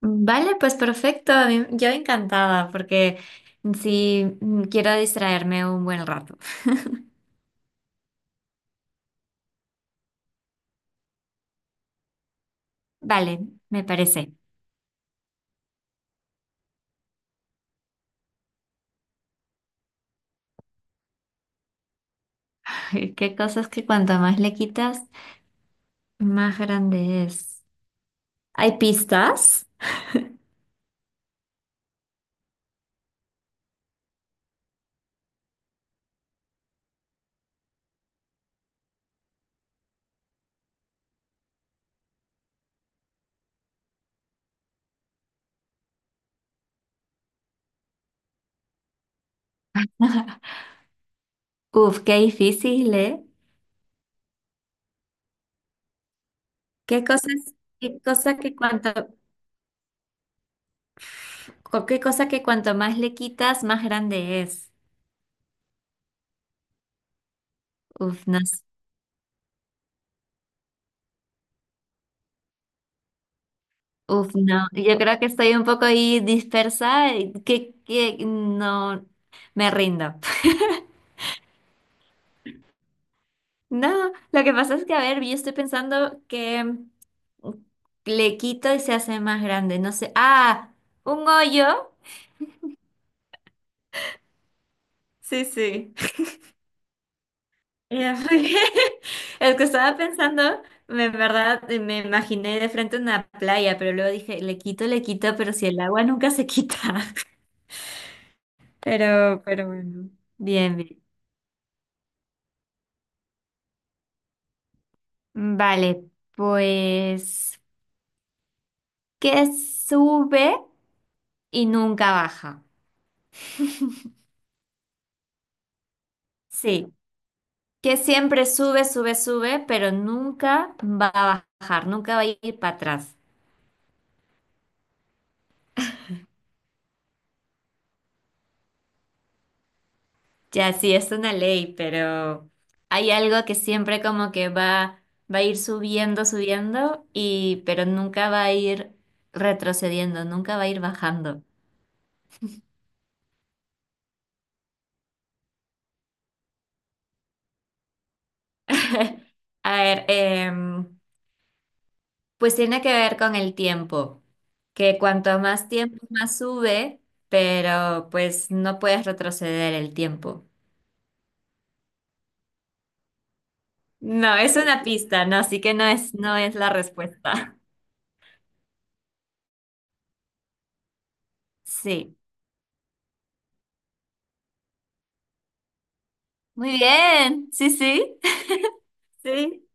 Vale, pues perfecto. Yo encantada porque sí quiero distraerme un buen rato. Vale, me parece. Qué cosas que cuanto más le quitas, más grande es. ¿Hay pistas? Uf, qué difícil, ¿eh? ¿Qué cosas, qué cosa que cuanto, qué cosa que cuanto más le quitas, más grande es? Uf, no, s- uf, no. Yo creo que estoy un poco ahí dispersa. Que no, me rindo. No, lo que pasa es que, a ver, yo estoy pensando que le quito y se hace más grande. No sé. Ah, un hoyo. Sí, sí. Ya, porque el que estaba pensando, en verdad, me imaginé de frente una playa, pero luego dije, le quito, pero si el agua nunca se quita. Pero bueno. Bien, bien. Vale, pues, ¿qué sube y nunca baja? Sí, que siempre sube, sube, sube, pero nunca va a bajar, nunca va a ir para atrás. Ya sí, es una ley, pero hay algo que siempre como que va, va a ir subiendo, subiendo, pero nunca va a ir retrocediendo, nunca va a ir bajando. A ver, pues tiene que ver con el tiempo, que cuanto más tiempo más sube, pero pues no puedes retroceder el tiempo. No, es una pista, no, así que no es, no es la respuesta. Sí. Muy bien. Sí, sí. Sí.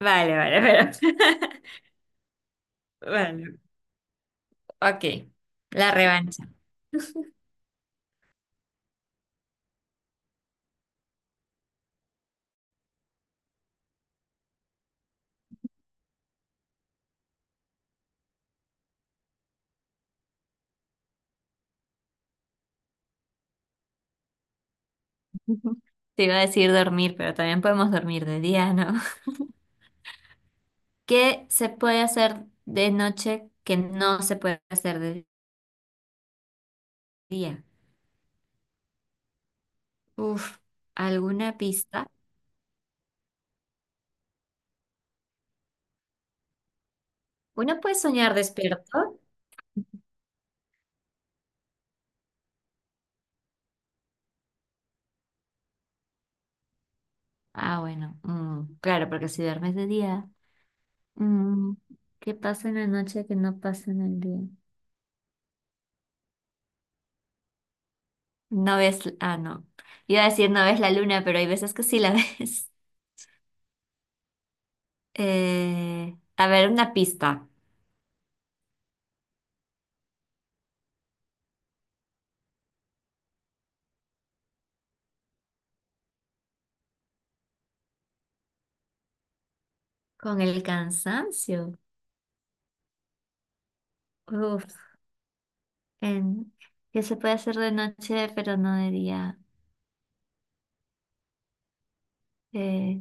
Vale, vale, pero. Vale. Ok. La revancha. Te iba a decir dormir, pero también podemos dormir de día, ¿no? ¿Qué se puede hacer de noche que no se puede hacer de día? Uf, ¿alguna pista? Uno puede soñar despierto. Ah, bueno. Claro, porque si duermes de día. Mm, ¿Qué pasa en la noche que no pasa en el día? No ves, ah, no. Iba a decir no ves la luna, pero hay veces que sí la ves. A ver, una pista. Con el cansancio. Uf, en, ¿qué se puede hacer de noche pero no de día? Eh,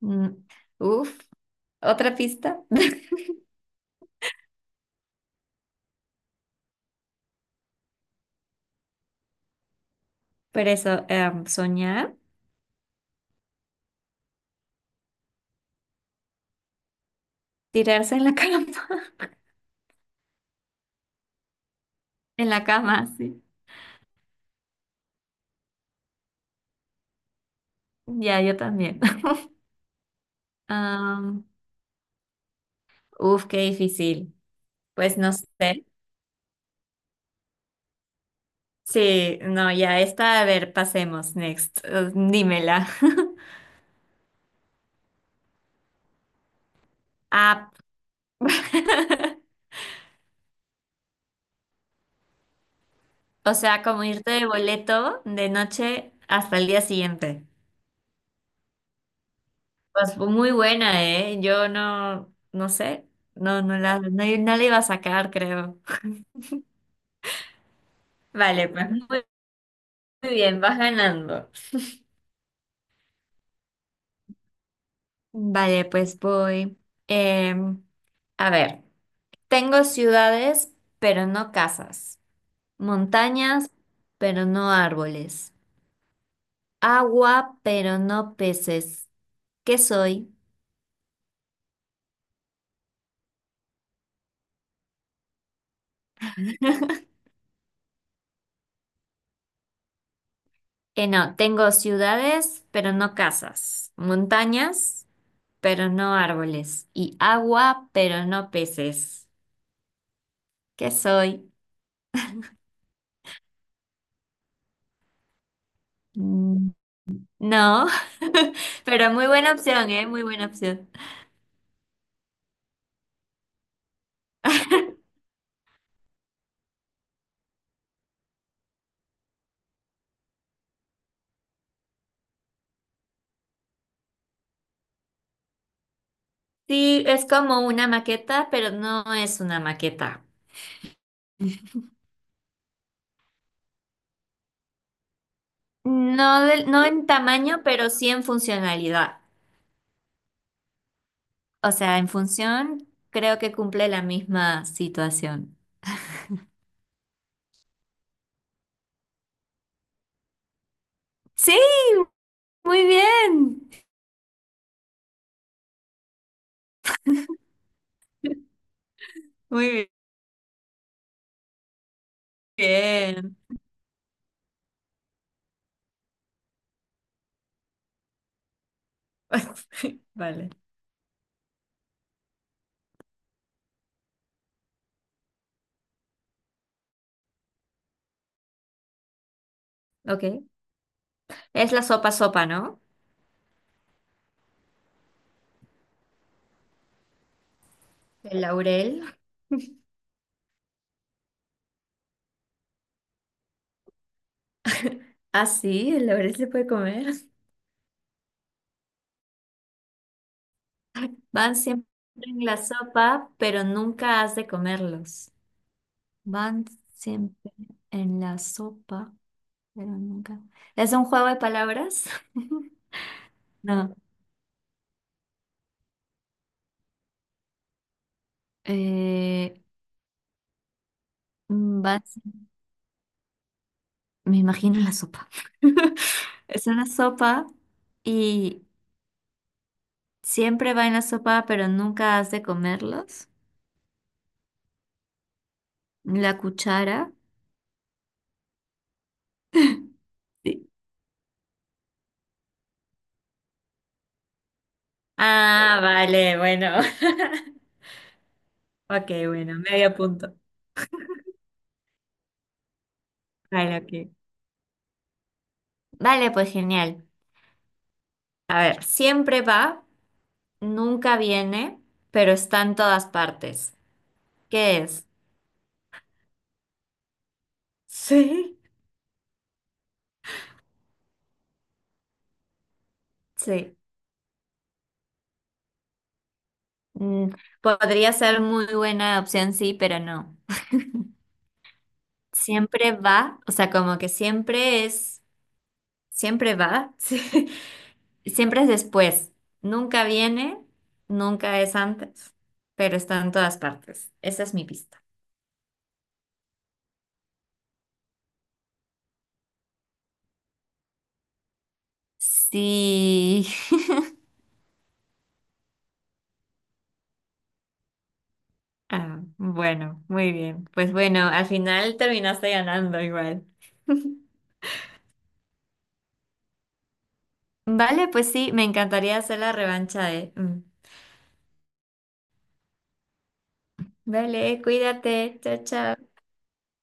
mm, uf, otra pista. Pero eso, soñar, tirarse en la cama. En la cama, sí. Ya, yo también. Am, qué difícil. Pues no sé. Sí, no, ya está. A ver, pasemos. Next. Dímela. Ah, o sea, como irte de boleto de noche hasta el día siguiente. Pues fue muy buena, ¿eh? Yo no, no sé. No, no la, no, no la iba a sacar, creo. Vale, pues muy bien, vas ganando. Vale, pues voy. Em, a ver, tengo ciudades, pero no casas. Montañas, pero no árboles. Agua, pero no peces. ¿Qué soy? No, tengo ciudades, pero no casas. Montañas, pero no árboles. Y agua, pero no peces. ¿Qué soy? Mm, No, pero muy buena opción, ¿eh? Muy buena opción. Sí, es como una maqueta, pero no es una maqueta. No, no en tamaño, pero sí en funcionalidad. O sea, en función creo que cumple la misma situación. Sí, muy bien. Muy bien. Vale. Ok. ¿Es la sopa sopa, no? El laurel. Ah, sí, el laurel se puede comer. Van siempre en la sopa, pero nunca has de comerlos. Van siempre en la sopa, pero nunca. ¿Es un juego de palabras? No. Eh, mm, van Me imagino la sopa. Es una sopa y siempre va en la sopa, pero nunca has de comerlos. La cuchara. Sí. Ah, vale, bueno. Ok, bueno, medio punto. Vale, ok. Vale, pues genial. A ver, siempre va, nunca viene, pero está en todas partes. ¿Qué es? Sí. Sí. Mm, Podría ser muy buena opción, sí, pero no. Siempre va, o sea, como que siempre es, siempre va, sí, siempre es después, nunca viene, nunca es antes, pero está en todas partes. Esa es mi pista. Sí. Ah, bueno, muy bien. Pues bueno, al final terminaste ganando igual. Vale, pues sí, me encantaría hacer la revancha de... mm. Vale, cuídate. Chao, chao.